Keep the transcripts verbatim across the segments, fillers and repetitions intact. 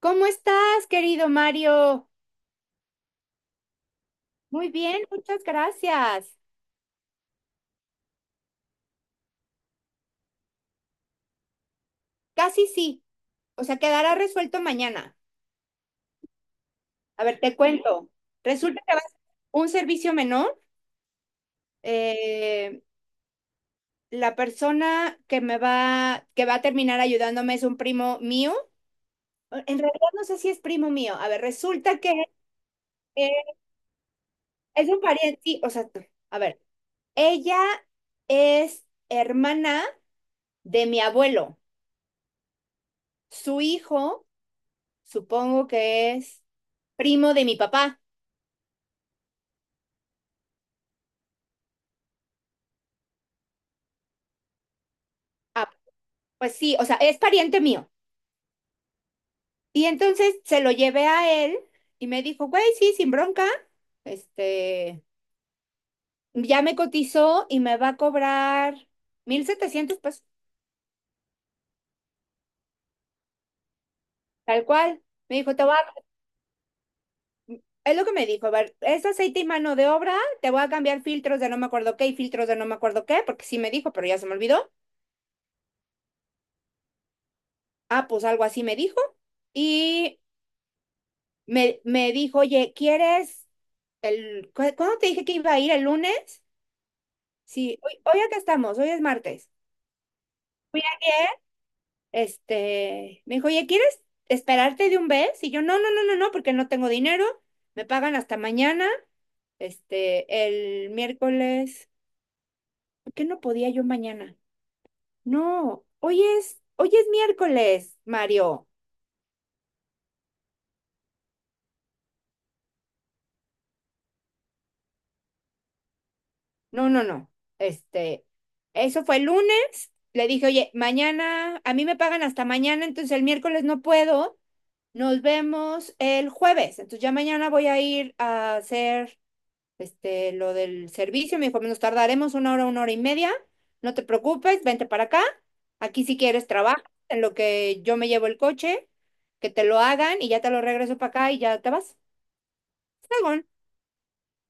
¿Cómo estás, querido Mario? Muy bien, muchas gracias. Casi sí. O sea, quedará resuelto mañana. A ver, te cuento. Resulta que va a ser un servicio menor. Eh, la persona que me va, que va a terminar ayudándome es un primo mío. En realidad no sé si es primo mío. A ver, resulta que eh, es un pariente. Sí, o sea, a ver, ella es hermana de mi abuelo. Su hijo supongo que es primo de mi papá. Ah, pues sí, o sea, es pariente mío. Y entonces se lo llevé a él y me dijo, güey, sí, sin bronca. Este, ya me cotizó y me va a cobrar mil setecientos pesos, tal cual. Me dijo, te voy a, es lo que me dijo, a ver, es aceite y mano de obra, te voy a cambiar filtros de no me acuerdo qué y filtros de no me acuerdo qué, porque sí me dijo, pero ya se me olvidó. Ah, pues algo así me dijo. Y me, me dijo, oye, ¿quieres? El, ¿cu- ¿cuándo te dije que iba a ir? ¿El lunes? Sí, hoy, hoy acá estamos, hoy es martes. Fui ayer, este, me dijo, oye, ¿quieres esperarte de un mes? Y yo, no, no, no, no, no, porque no tengo dinero, me pagan hasta mañana, este, el miércoles, ¿por qué no podía yo mañana? No, hoy es, hoy es miércoles, Mario. No, no, no, este, eso fue el lunes, le dije, oye, mañana, a mí me pagan hasta mañana, entonces el miércoles no puedo. Nos vemos el jueves. Entonces ya mañana voy a ir a hacer, este, lo del servicio. Me dijo, nos tardaremos una hora, una hora y media. No te preocupes, vente para acá. Aquí si quieres trabajas en lo que yo me llevo el coche, que te lo hagan y ya te lo regreso para acá y ya te vas. Fregón.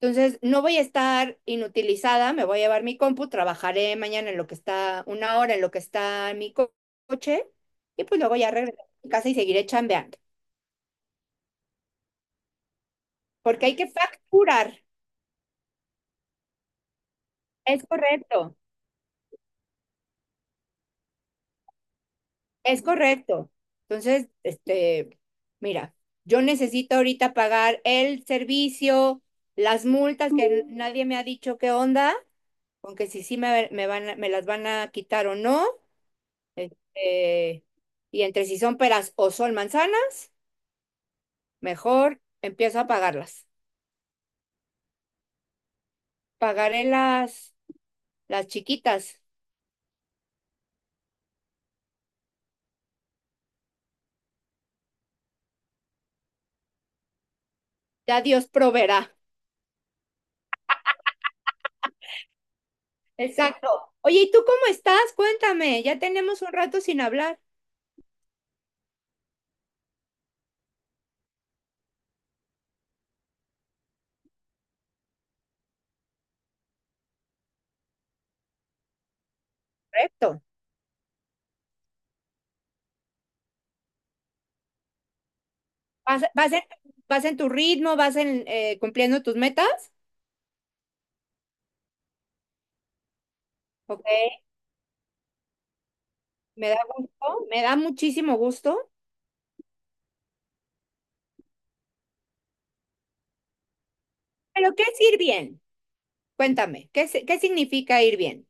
Entonces no voy a estar inutilizada, me voy a llevar mi compu, trabajaré mañana en lo que está, una hora en lo que está mi co- coche y pues luego ya regresaré a mi casa y seguiré chambeando. Porque hay que facturar. Es correcto, es correcto. Entonces, este, mira, yo necesito ahorita pagar el servicio, las multas que nadie me ha dicho qué onda, aunque si sí me, me van, a- me las van a quitar o no. Este, y entre si son peras o son manzanas, mejor empiezo a pagarlas. Pagaré las, las chiquitas. Ya Dios proveerá. Exacto. Oye, ¿y tú cómo estás? Cuéntame, ya tenemos un rato sin hablar. Correcto. Vas, vas en, Vas en tu ritmo, vas en, eh, cumpliendo tus metas. Ok, me da gusto, me da muchísimo gusto. Pero, ¿qué es ir bien? Cuéntame, ¿qué, si- qué significa ir bien?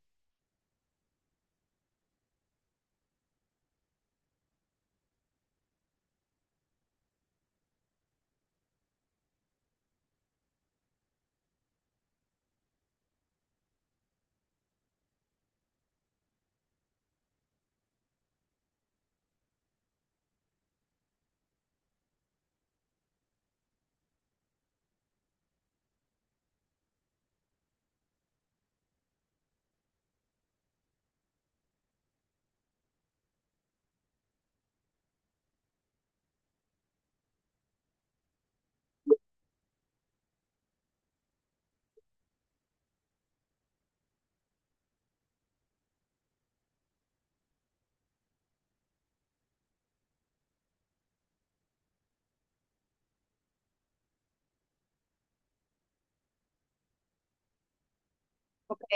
Ok.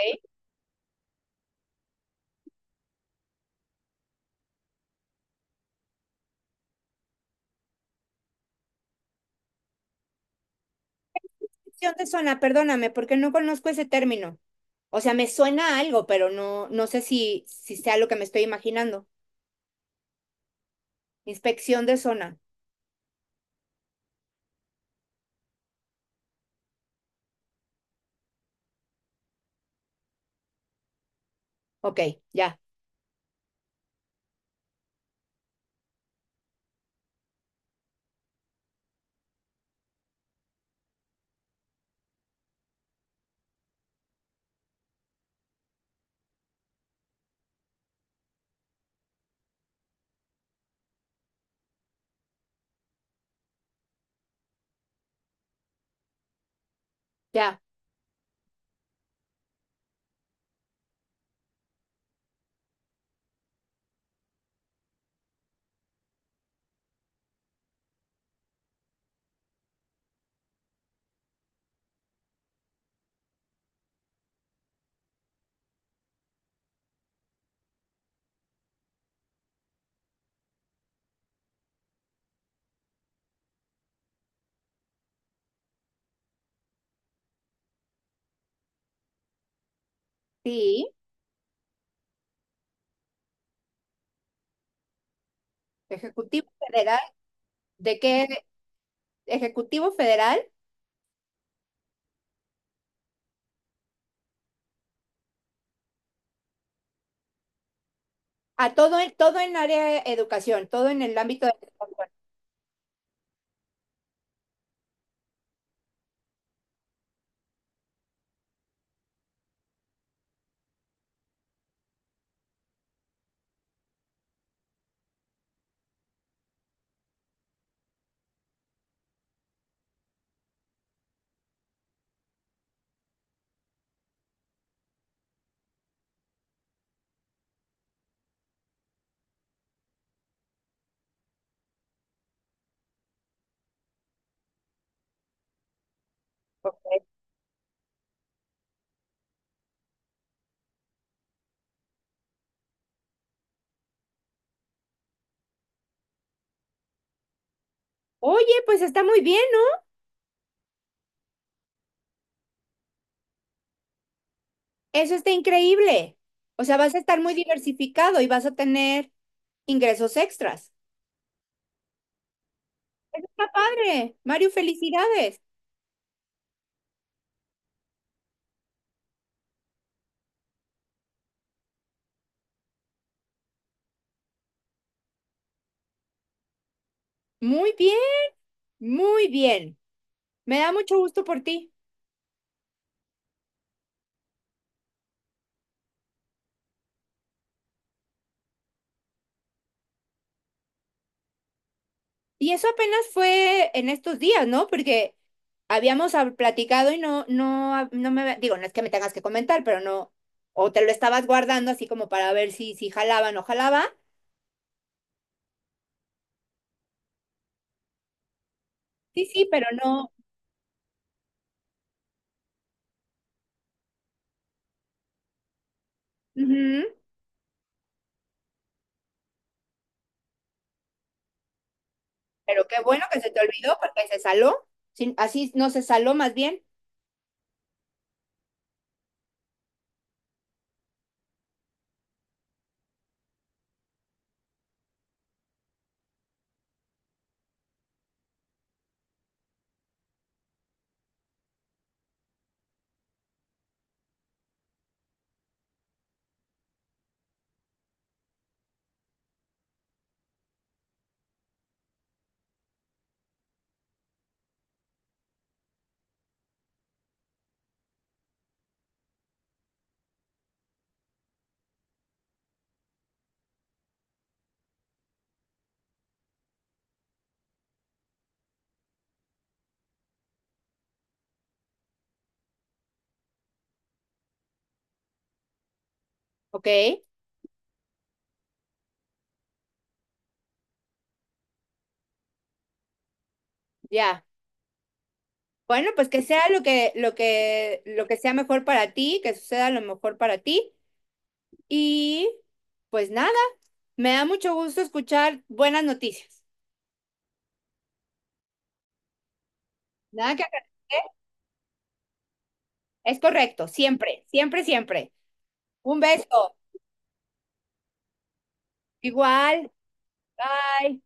Construcción de zona, perdóname, porque no conozco ese término. O sea, me suena a algo, pero no, no sé si, si sea lo que me estoy imaginando. Inspección de zona. Ok, ya, ya. Sí, ejecutivo federal. De que Ejecutivo Federal a todo, en- todo en área de educación, todo en el ámbito de educación. Ok. Oye, pues está muy bien, ¿no? Eso está increíble. O sea, vas a estar muy diversificado y vas a tener ingresos extras. Eso está padre. Mario, felicidades. Muy bien, muy bien. Me da mucho gusto por ti. Y eso apenas fue en estos días, ¿no? Porque habíamos hab- platicado y no, no, hab- no me, había- digo, no es que me tengas que comentar, pero no, o te lo estabas guardando así como para ver si, si jalaba o no jalaba. Sí, sí, pero no. Ujú. Pero qué bueno que se te olvidó porque se saló. Sin- así no se saló más bien. Ok, ya. Bueno, pues que sea lo que, lo que, lo que sea mejor para ti, que suceda lo mejor para ti. Y pues nada, me da mucho gusto escuchar buenas noticias. Nada que agradecer. Es correcto, siempre, siempre, siempre. Un beso. Igual. Bye.